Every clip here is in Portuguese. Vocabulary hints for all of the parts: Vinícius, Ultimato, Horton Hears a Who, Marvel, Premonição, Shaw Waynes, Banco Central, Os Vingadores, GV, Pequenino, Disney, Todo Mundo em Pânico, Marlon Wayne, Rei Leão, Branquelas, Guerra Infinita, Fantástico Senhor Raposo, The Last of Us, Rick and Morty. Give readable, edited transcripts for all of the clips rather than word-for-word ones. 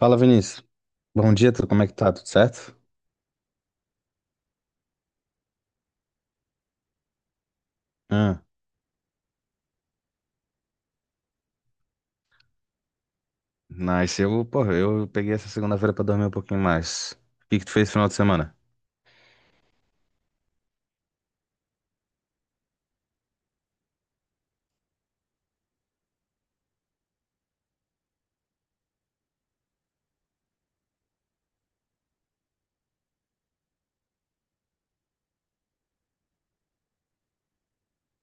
Fala, Vinícius. Bom dia, como é que tá? Tudo certo? Ah, nice. Eu, porra, eu peguei essa segunda-feira pra dormir um pouquinho mais. O que que tu fez no final de semana?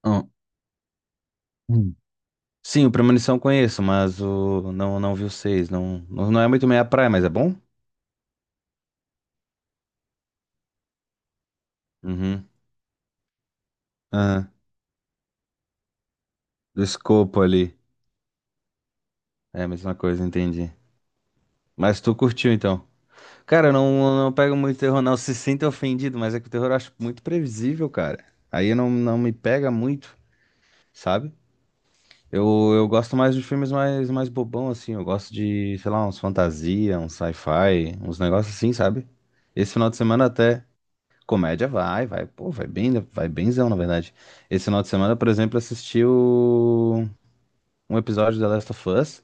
Ah, hum. Sim, o Premonição eu conheço, mas o não vi o seis. Não, não é muito meia praia, mas é bom? Uhum. Ah, do escopo ali. É a mesma coisa, entendi. Mas tu curtiu então? Cara, eu não, não pego muito terror, não. Se sinta ofendido, mas é que o terror eu acho muito previsível, cara. Aí não me pega muito, sabe? Eu gosto mais de filmes mais bobão, assim. Eu gosto de, sei lá, uns fantasia, uns sci-fi, uns negócios assim, sabe? Esse final de semana até comédia vai, vai, pô, vai bem, vai benzão, na verdade. Esse final de semana, por exemplo, assisti um episódio de The Last of Us.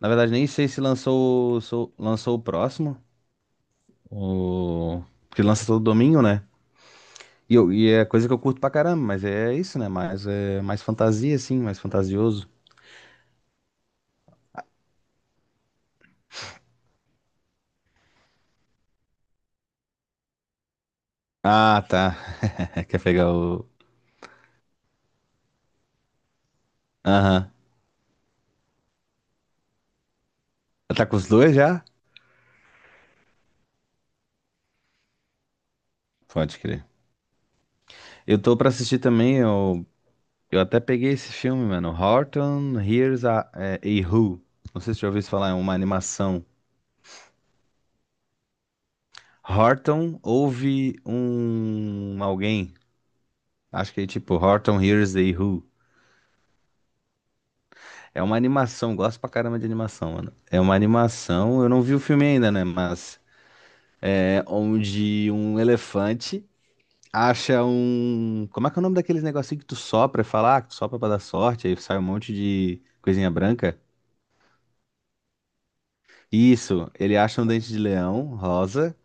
Na verdade, nem sei se lançou, lançou o próximo, o... porque lança todo domingo, né? E, eu, e é coisa que eu curto pra caramba, mas é isso, né? Mais, é, mais fantasia, assim, mais fantasioso. Ah, tá. Quer pegar o aham. Tá com os dois já? Pode crer. Eu tô pra assistir também, eu até peguei esse filme, mano. Horton Hears a, é, a Who. Não sei se você já ouviu isso falar, é uma animação. Horton ouve um alguém. Acho que é tipo Horton Hears a Who. É uma animação, gosto pra caramba de animação, mano. É uma animação, eu não vi o filme ainda, né? Mas é onde um elefante acha um. Como é que é o nome daqueles negocinho que tu sopra e fala, ah, que tu sopra pra dar sorte, aí sai um monte de coisinha branca? Isso, ele acha um dente de leão rosa.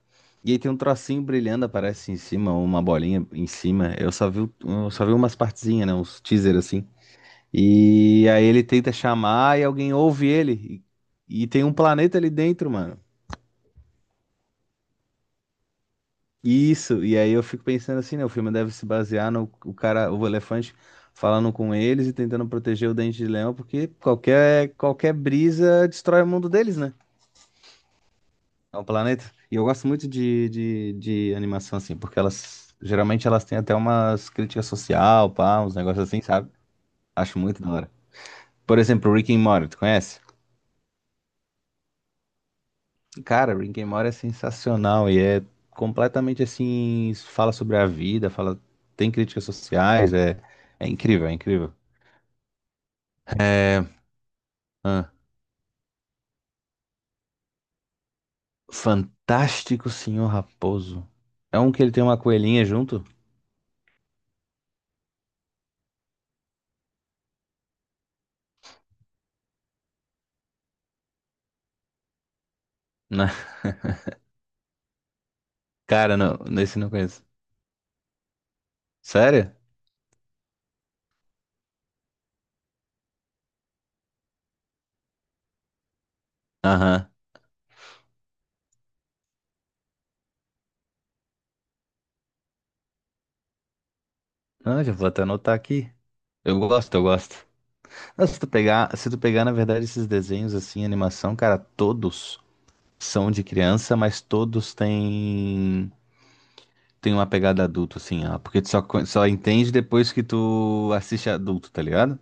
E aí tem um trocinho brilhando, aparece em cima, uma bolinha em cima. Eu só eu só vi umas partezinhas, né? Uns teaser assim. E aí ele tenta chamar e alguém ouve ele. Tem um planeta ali dentro, mano. Isso, e aí eu fico pensando assim, né? O filme deve se basear no o cara, o elefante falando com eles e tentando proteger o dente de leão, porque qualquer brisa destrói o mundo deles, né? É um planeta. E eu gosto muito de animação, assim, porque elas geralmente elas têm até umas críticas social, pá, uns negócios assim, sabe? Acho muito da hora. Por exemplo, Rick and Morty, tu conhece? Cara, Rick and Morty é sensacional e é completamente assim, fala sobre a vida, fala, tem críticas sociais, é, é incrível. É, ah, Fantástico Senhor Raposo. É um que ele tem uma coelhinha junto? Não, cara, não, nesse eu não conheço. Sério? Aham. Ah, já vou até anotar aqui. Eu gosto. Ah, se tu pegar, na verdade, esses desenhos assim, animação, cara, todos são de criança, mas todos têm tem uma pegada adulto, assim, ó, porque tu só, só entende depois que tu assiste adulto, tá ligado?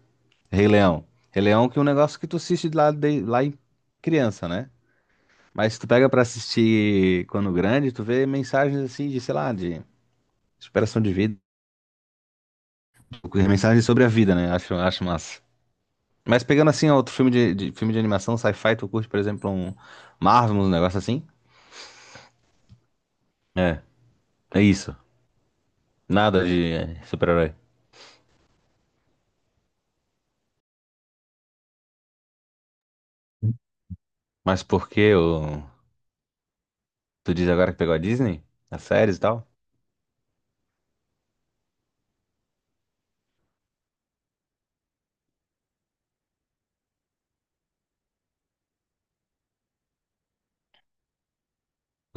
Rei Leão. Rei Leão que é um negócio que tu assiste lá, de, lá em criança, né? Mas tu pega pra assistir quando grande, tu vê mensagens assim de, sei lá, de superação de vida, mensagens sobre a vida, né? Acho, acho massa. Mas pegando assim outro filme de filme de animação, sci-fi, tu curte, por exemplo, um Marvel, um negócio assim? É, é isso. Nada de é, super-herói. Mas por que o... tu diz agora que pegou a Disney? As séries e tal?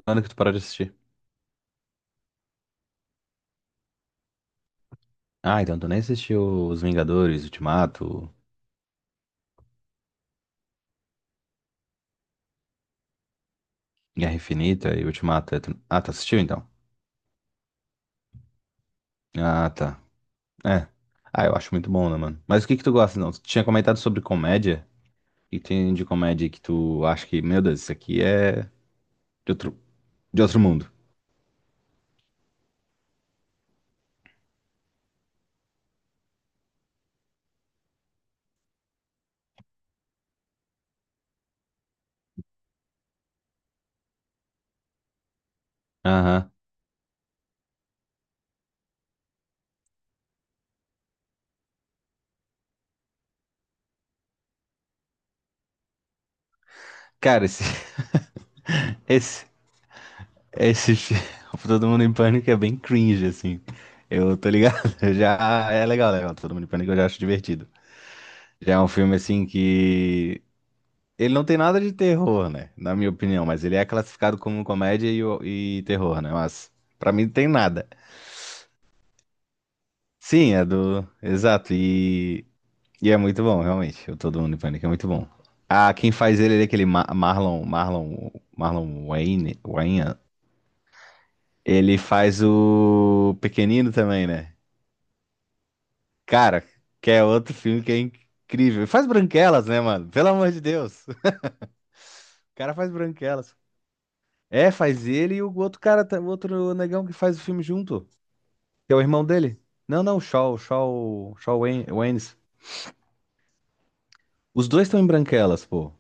Quando que tu parou de assistir? Ah, então tu nem assistiu Os Vingadores, Ultimato, Guerra Infinita e Ultimato. Ah, tu assistiu então? Ah, tá. É. Ah, eu acho muito bom, né, mano? Mas o que que tu gosta, não? Tu tinha comentado sobre comédia. E tem de comédia que tu acha que, meu Deus, isso aqui é de outro, de outro mundo. Aham. Cara, esse... Esse... Esse... fi- Todo Mundo em Pânico é bem cringe, assim. Eu tô ligado. Já é legal, legal. Todo Mundo em Pânico eu já acho divertido. Já é um filme assim que ele não tem nada de terror, né? Na minha opinião, mas ele é classificado como comédia e terror, né? Mas pra mim não tem nada. Sim, é do. Exato. E é muito bom, realmente. O Todo Mundo em Pânico é muito bom. Ah, quem faz ele, é aquele Marlon. Marlon. Wayne. Ele faz o Pequenino também, né? Cara, que é outro filme que é incrível. Ele faz Branquelas, né, mano? Pelo amor de Deus. O cara faz Branquelas. É, faz ele e o outro cara, o outro negão que faz o filme junto, que é o irmão dele. Não, não, Waynes. Os dois estão em Branquelas, pô.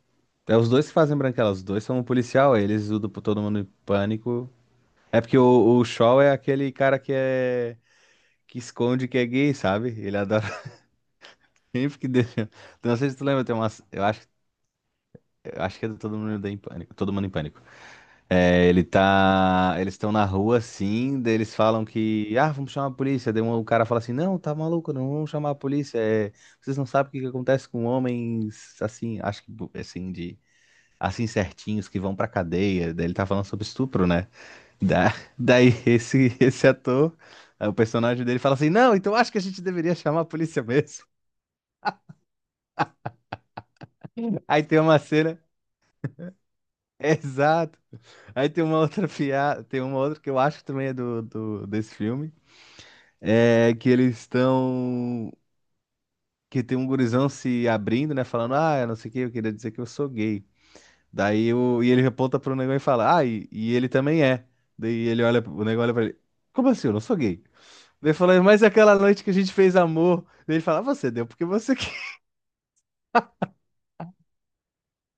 É os dois que fazem Branquelas, os dois são um policial, eles ajudam pro todo mundo em pânico. É porque o Shaw é aquele cara que esconde que é gay, sabe? Ele adora sempre que deixa. Não sei se tu lembra, eu acho, eu acho que é do Todo Mundo em Pânico. É, ele tá. Eles estão na rua assim, daí eles falam que. Ah, vamos chamar a polícia. Daí o cara fala assim: Não, tá maluco, não vamos chamar a polícia. É, vocês não sabem o que que acontece com homens assim, acho que assim, de. Assim certinhos que vão pra cadeia. Daí ele tá falando sobre estupro, né? Da- daí esse ator, é, o personagem dele fala assim: Não, então acho que a gente deveria chamar a polícia mesmo. Aí tem uma cena. Exato. Aí tem uma outra piada, tem uma outra que eu acho que também é do desse filme. É que eles estão. Que tem um gurizão se abrindo, né? Falando, ah, eu não sei o que, eu queria dizer que eu sou gay. Daí o... e ele aponta pro negão e fala, ah, e ele também é. Daí ele olha, o negão olha pra ele, como assim? Eu não sou gay. Daí ele fala, mas aquela noite que a gente fez amor. Daí ele fala, "Ah, você deu porque você quer.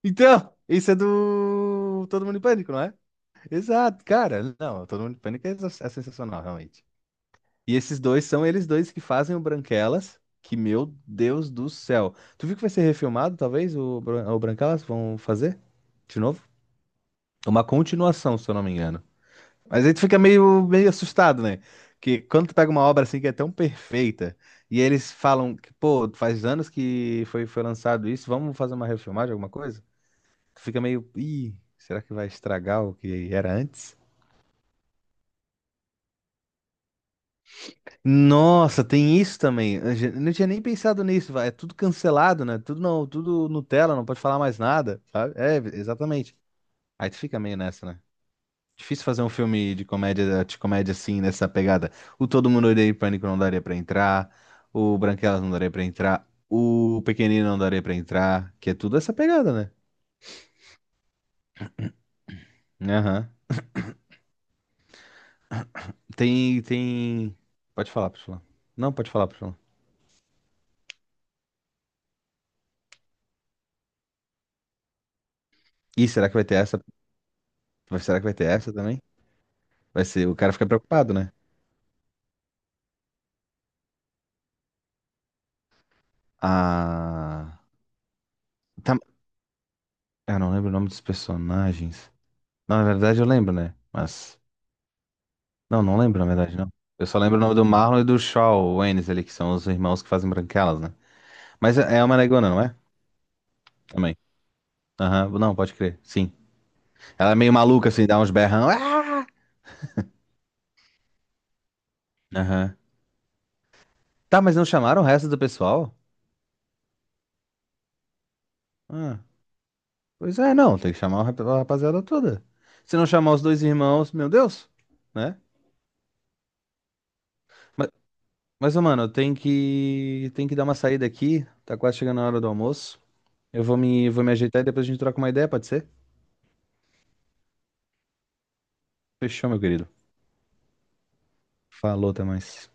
Então, isso é do Todo Mundo em Pânico, não é? Exato, cara. Não, Todo Mundo em Pânico é sensacional, realmente. E esses dois são eles dois que fazem o Branquelas, que, meu Deus do céu. Tu viu que vai ser refilmado, talvez, o Branquelas? Vão fazer? De novo? Uma continuação, se eu não me engano. Mas aí tu fica meio assustado, né? Que quando tu pega uma obra assim que é tão perfeita, e eles falam que, pô, faz anos que foi lançado isso, vamos fazer uma refilmagem, alguma coisa? Tu fica meio, ih, será que vai estragar o que era antes? Nossa, tem isso também. Eu não tinha nem pensado nisso, vai. É tudo cancelado, né? Tudo não, tudo Nutella, não pode falar mais nada, sabe? É, exatamente. Aí tu fica meio nessa, né? Difícil fazer um filme de comédia, assim, nessa pegada. O Todo Mundo Odeia o Pânico não daria pra entrar, o Branquelas não daria pra entrar, o Pequenino não daria pra entrar, que é tudo essa pegada, né? Aham. Tem, tem. Pode falar, pode falar. Não, pode falar, pode falar. Ih, será que vai ter essa? Será que vai ter essa também? Vai ser, o cara fica preocupado, né? A. Tam- Eu não lembro o nome dos personagens. Não, na verdade eu lembro, né? Mas. Não, não lembro, na verdade, não. Eu só lembro o nome do Marlon e do Shaw Waynes ali, que são os irmãos que fazem branquelas, né? Mas é uma negona, não é? Também. Aham, Não, pode crer. Sim. Ela é meio maluca, assim, dá uns berrão. Ah! Aham. Tá, mas não chamaram o resto do pessoal? Ah, pois é, não. Tem que chamar a rapaziada toda. Se não chamar os dois irmãos, meu Deus, né? Mas, ô, mano, tenho que dar uma saída aqui. Tá quase chegando a hora do almoço. Vou me ajeitar e depois a gente troca uma ideia, pode ser? Fechou, meu querido. Falou, até mais.